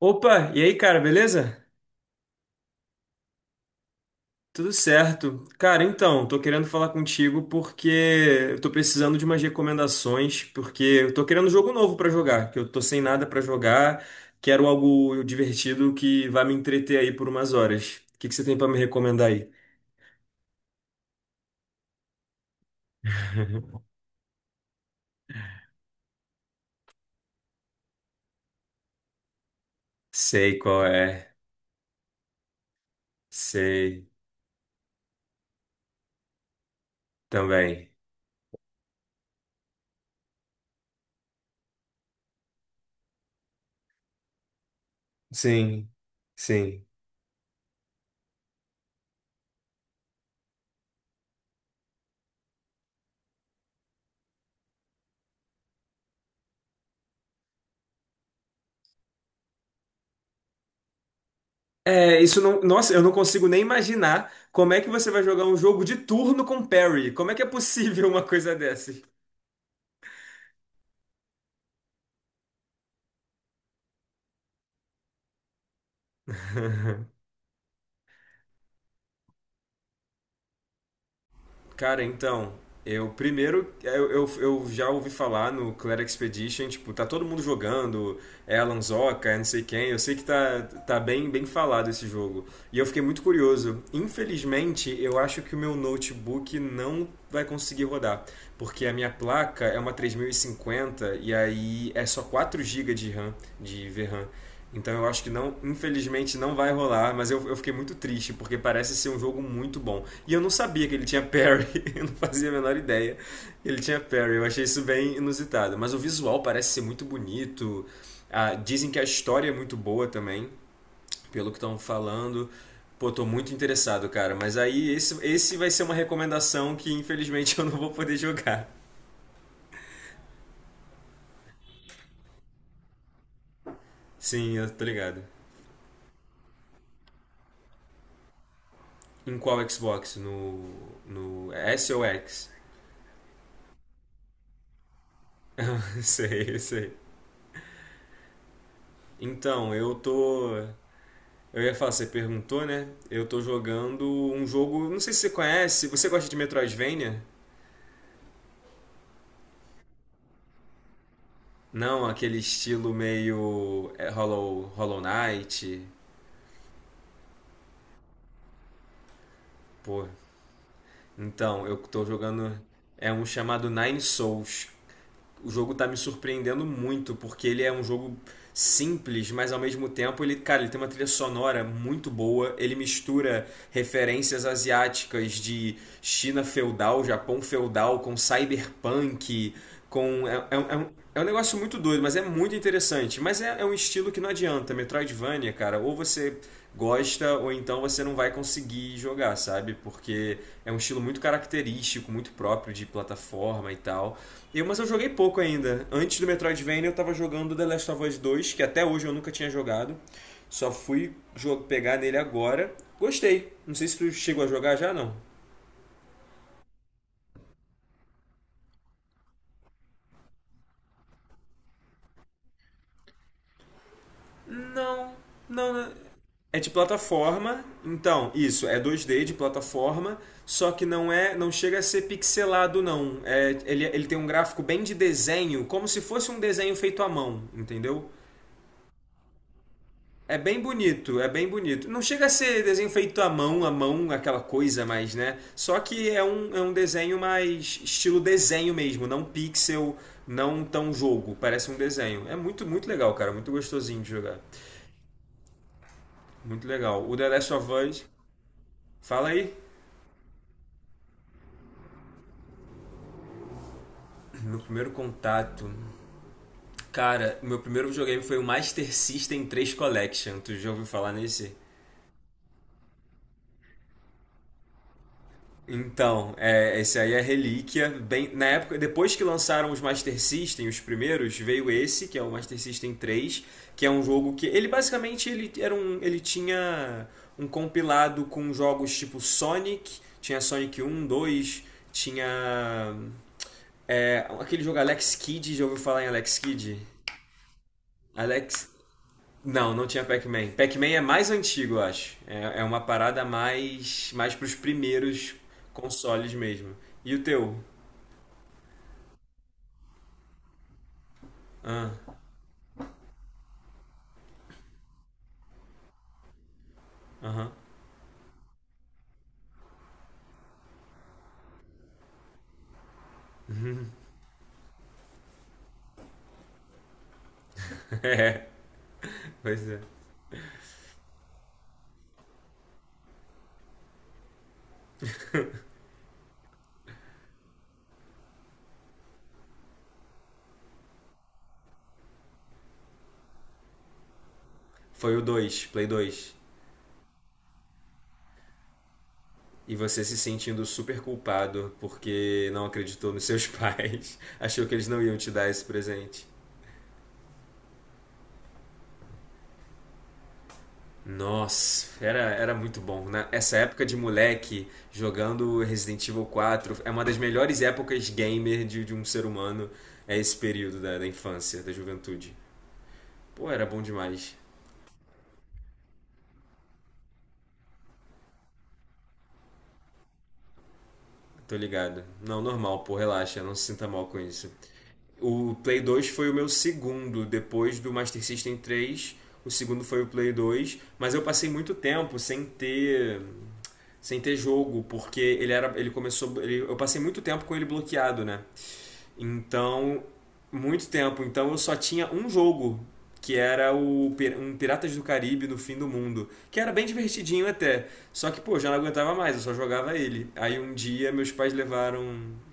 Opa, e aí, cara, beleza? Tudo certo. Cara, então, tô querendo falar contigo porque eu tô precisando de umas recomendações, porque eu tô querendo um jogo novo pra jogar, que eu tô sem nada pra jogar, quero algo divertido que vá me entreter aí por umas horas. O que que você tem pra me recomendar aí? Sei qual é. Sei também. Sim, sim. É, isso não. Nossa, eu não consigo nem imaginar como é que você vai jogar um jogo de turno com parry. Como é que é possível uma coisa dessa? Cara, então, eu primeiro eu já ouvi falar no Clair Expedition, tipo, tá todo mundo jogando, é Alan Zoka, é não sei quem, eu sei que tá bem falado esse jogo. E eu fiquei muito curioso. Infelizmente, eu acho que o meu notebook não vai conseguir rodar, porque a minha placa é uma 3050 e aí é só 4 gigas de RAM, de VRAM. Então eu acho que não, infelizmente não vai rolar, mas eu fiquei muito triste, porque parece ser um jogo muito bom. E eu não sabia que ele tinha parry, eu não fazia a menor ideia. Que ele tinha parry, eu achei isso bem inusitado. Mas o visual parece ser muito bonito. Ah, dizem que a história é muito boa também, pelo que estão falando. Pô, tô muito interessado, cara. Mas aí esse vai ser uma recomendação que infelizmente eu não vou poder jogar. Sim, eu tô ligado. Em qual Xbox? No, no S ou X? Sei, sei. Então, eu tô. Eu ia falar, você perguntou, né? Eu tô jogando um jogo. Não sei se você conhece. Você gosta de Metroidvania? Não, aquele estilo meio, Hollow Knight. Pô. Então, eu tô jogando. É um chamado Nine Souls. O jogo tá me surpreendendo muito, porque ele é um jogo simples, mas ao mesmo tempo ele, cara, ele tem uma trilha sonora muito boa, ele mistura referências asiáticas de China feudal, Japão feudal com cyberpunk, com é um negócio muito doido, mas é muito interessante. Mas é um estilo que não adianta. Metroidvania, cara, ou você gosta ou então você não vai conseguir jogar, sabe? Porque é um estilo muito característico, muito próprio de plataforma e tal. Mas eu joguei pouco ainda. Antes do Metroidvania eu tava jogando The Last of Us 2, que até hoje eu nunca tinha jogado. Só fui pegar nele agora. Gostei. Não sei se tu chegou a jogar já, não. Não, não, não. É de plataforma, então, isso, é dois d de plataforma, só que não chega a ser pixelado, não. É, ele tem um gráfico bem de desenho, como se fosse um desenho feito à mão, entendeu? É bem bonito, é bem bonito. Não chega a ser desenho feito à mão, aquela coisa mais, né? Só que é um desenho mais estilo desenho mesmo, não pixel, não tão jogo. Parece um desenho. É muito, muito legal, cara, muito gostosinho de jogar. Muito legal. O The Last of Us, fala aí. Meu primeiro contato. Cara, meu primeiro videogame foi o Master System 3 Collection. Tu já ouviu falar nesse? Então, esse aí é relíquia. Bem, na época, depois que lançaram os Master System, os primeiros, veio esse, que é o Master System 3, que é um jogo que ele basicamente ele era um, ele tinha um compilado com jogos tipo Sonic, tinha Sonic um, dois, tinha, aquele jogo Alex Kidd, já ouviu falar em Alex Kidd? Alex. Não, não tinha Pac-Man. Pac-Man é mais antigo, eu acho. É uma parada mais pros primeiros consoles mesmo. E o teu? Ah, aham. É, pois é. Foi o dois, Play dois. E você se sentindo super culpado porque não acreditou nos seus pais, achou que eles não iam te dar esse presente. Nossa, era muito bom, né? Essa época de moleque jogando Resident Evil 4 é uma das melhores épocas gamer de um ser humano. É esse período da infância, da juventude. Pô, era bom demais. Tô ligado. Não, normal, pô, relaxa, não se sinta mal com isso. O Play 2 foi o meu segundo, depois do Master System 3. O segundo foi o Play 2, mas eu passei muito tempo sem ter jogo, porque ele era, ele começou, ele- eu passei muito tempo com ele bloqueado, né? Então, muito tempo. Então eu só tinha um jogo, que era um Piratas do Caribe no Fim do Mundo, que era bem divertidinho até. Só que, pô, já não aguentava mais, eu só jogava ele. Aí um dia meus pais levaram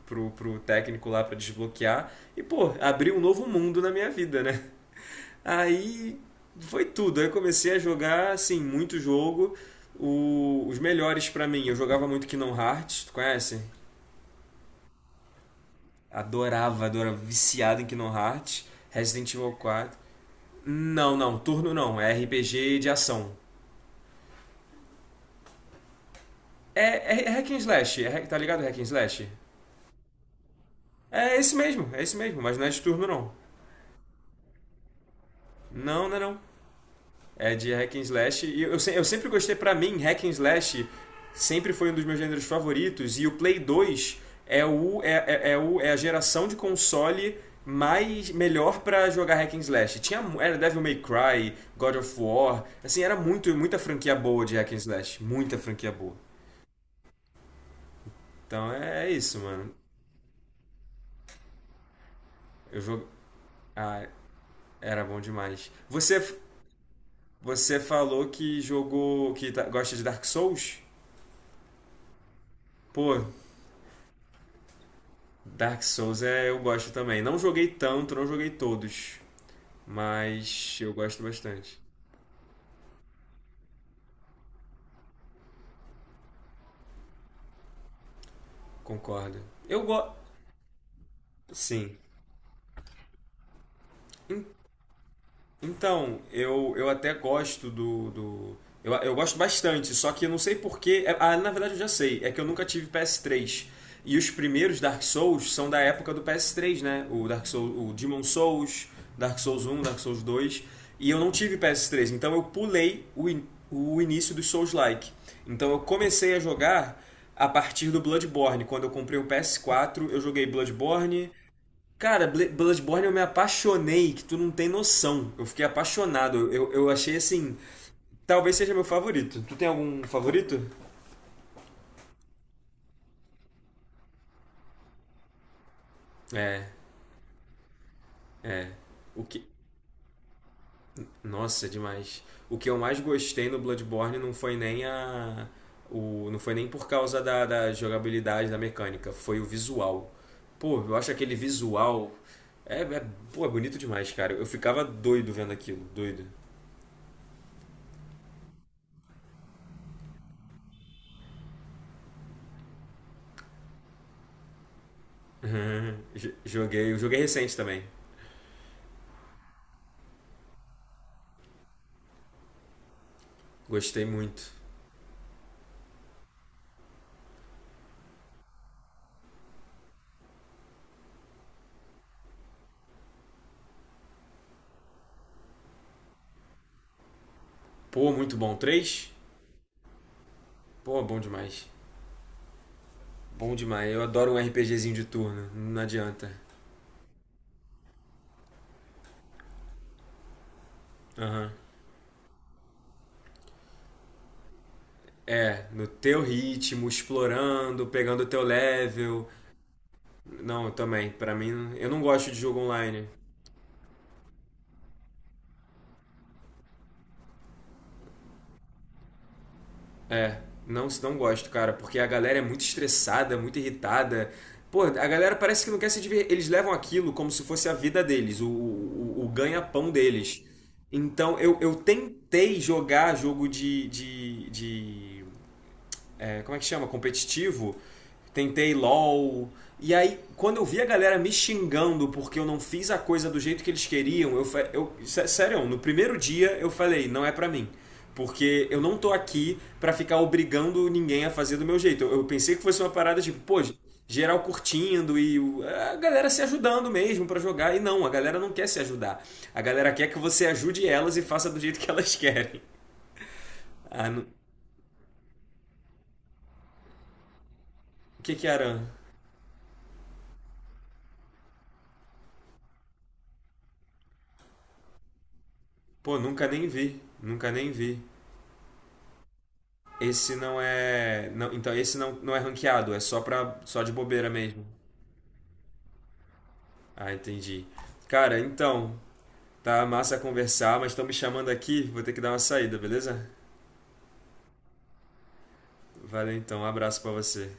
pro técnico lá pra desbloquear e, pô, abriu um novo mundo na minha vida, né? Aí foi tudo. Aí eu comecei a jogar, assim, muito jogo. Os melhores pra mim, eu jogava muito Kingdom Hearts, tu conhece? Adorava, adorava. Viciado em Kingdom Hearts, Resident Evil 4. Não, não, turno não. É RPG de ação. É hack and slash, é tá ligado hack and slash? É esse mesmo, mas não é de turno não. Não, não é não. É de hack and slash. E eu sempre gostei, pra mim, hack and slash sempre foi um dos meus gêneros favoritos. E o Play 2 é, o, é, é, é o, é a geração de console mais melhor pra jogar hack and slash. Tinha, era Devil May Cry, God of War, assim, era muita franquia boa de hack and slash. Muita franquia boa. Então é isso, mano. Eu jogo... Ah, era bom demais. Você falou que jogou... gosta de Dark Souls? Pô, Dark Souls eu gosto também. Não joguei tanto, não joguei todos, mas eu gosto bastante. Concordo. Eu gosto. Sim. Então, eu gosto bastante, só que eu não sei porquê. Ah, na verdade eu já sei. É que eu nunca tive PS3. E os primeiros Dark Souls são da época do PS3, né? O Dark Souls, o Demon Souls, Dark Souls 1, Dark Souls 2. E eu não tive PS3, então eu pulei o início dos Souls-like. Então eu comecei a jogar a partir do Bloodborne. Quando eu comprei o PS4, eu joguei Bloodborne. Cara, Bloodborne eu me apaixonei, que tu não tem noção. Eu fiquei apaixonado. Eu achei assim. Talvez seja meu favorito. Tu tem algum favorito? É, é. O que. Nossa, demais. O que eu mais gostei no Bloodborne não foi nem por causa da jogabilidade, da mecânica, foi o visual. Pô, eu acho aquele visual. É, é, pô, é bonito demais, cara. Eu ficava doido vendo aquilo, doido. Eu joguei recente também. Gostei muito. Pô, muito bom. Três? Pô, bom demais. Bom demais. Eu adoro um RPGzinho de turno. Não adianta. Aham. É, no teu ritmo, explorando, pegando o teu level. Não, eu também. Pra mim, eu não gosto de jogo online. É, não, não gosto, cara, porque a galera é muito estressada, muito irritada. Pô, a galera parece que não quer se divertir. Eles levam aquilo como se fosse a vida deles, o ganha-pão deles. Então, eu tentei jogar jogo de como é que chama? Competitivo. Tentei LOL. E aí, quando eu vi a galera me xingando porque eu não fiz a coisa do jeito que eles queriam, eu sério, no primeiro dia eu falei, não é pra mim. Porque eu não tô aqui pra ficar obrigando ninguém a fazer do meu jeito. Eu pensei que fosse uma parada tipo, pô, geral curtindo e a galera se ajudando mesmo pra jogar. E não, a galera não quer se ajudar. A galera quer que você ajude elas e faça do jeito que elas querem. Ah, o que que era? Pô, nunca nem vi, nunca nem vi. Esse não é, não, então esse não é ranqueado, é só pra, só de bobeira mesmo. Ah, entendi. Cara, então, tá massa conversar, mas estão me chamando aqui, vou ter que dar uma saída, beleza? Valeu então, um abraço pra você.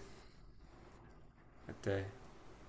Até.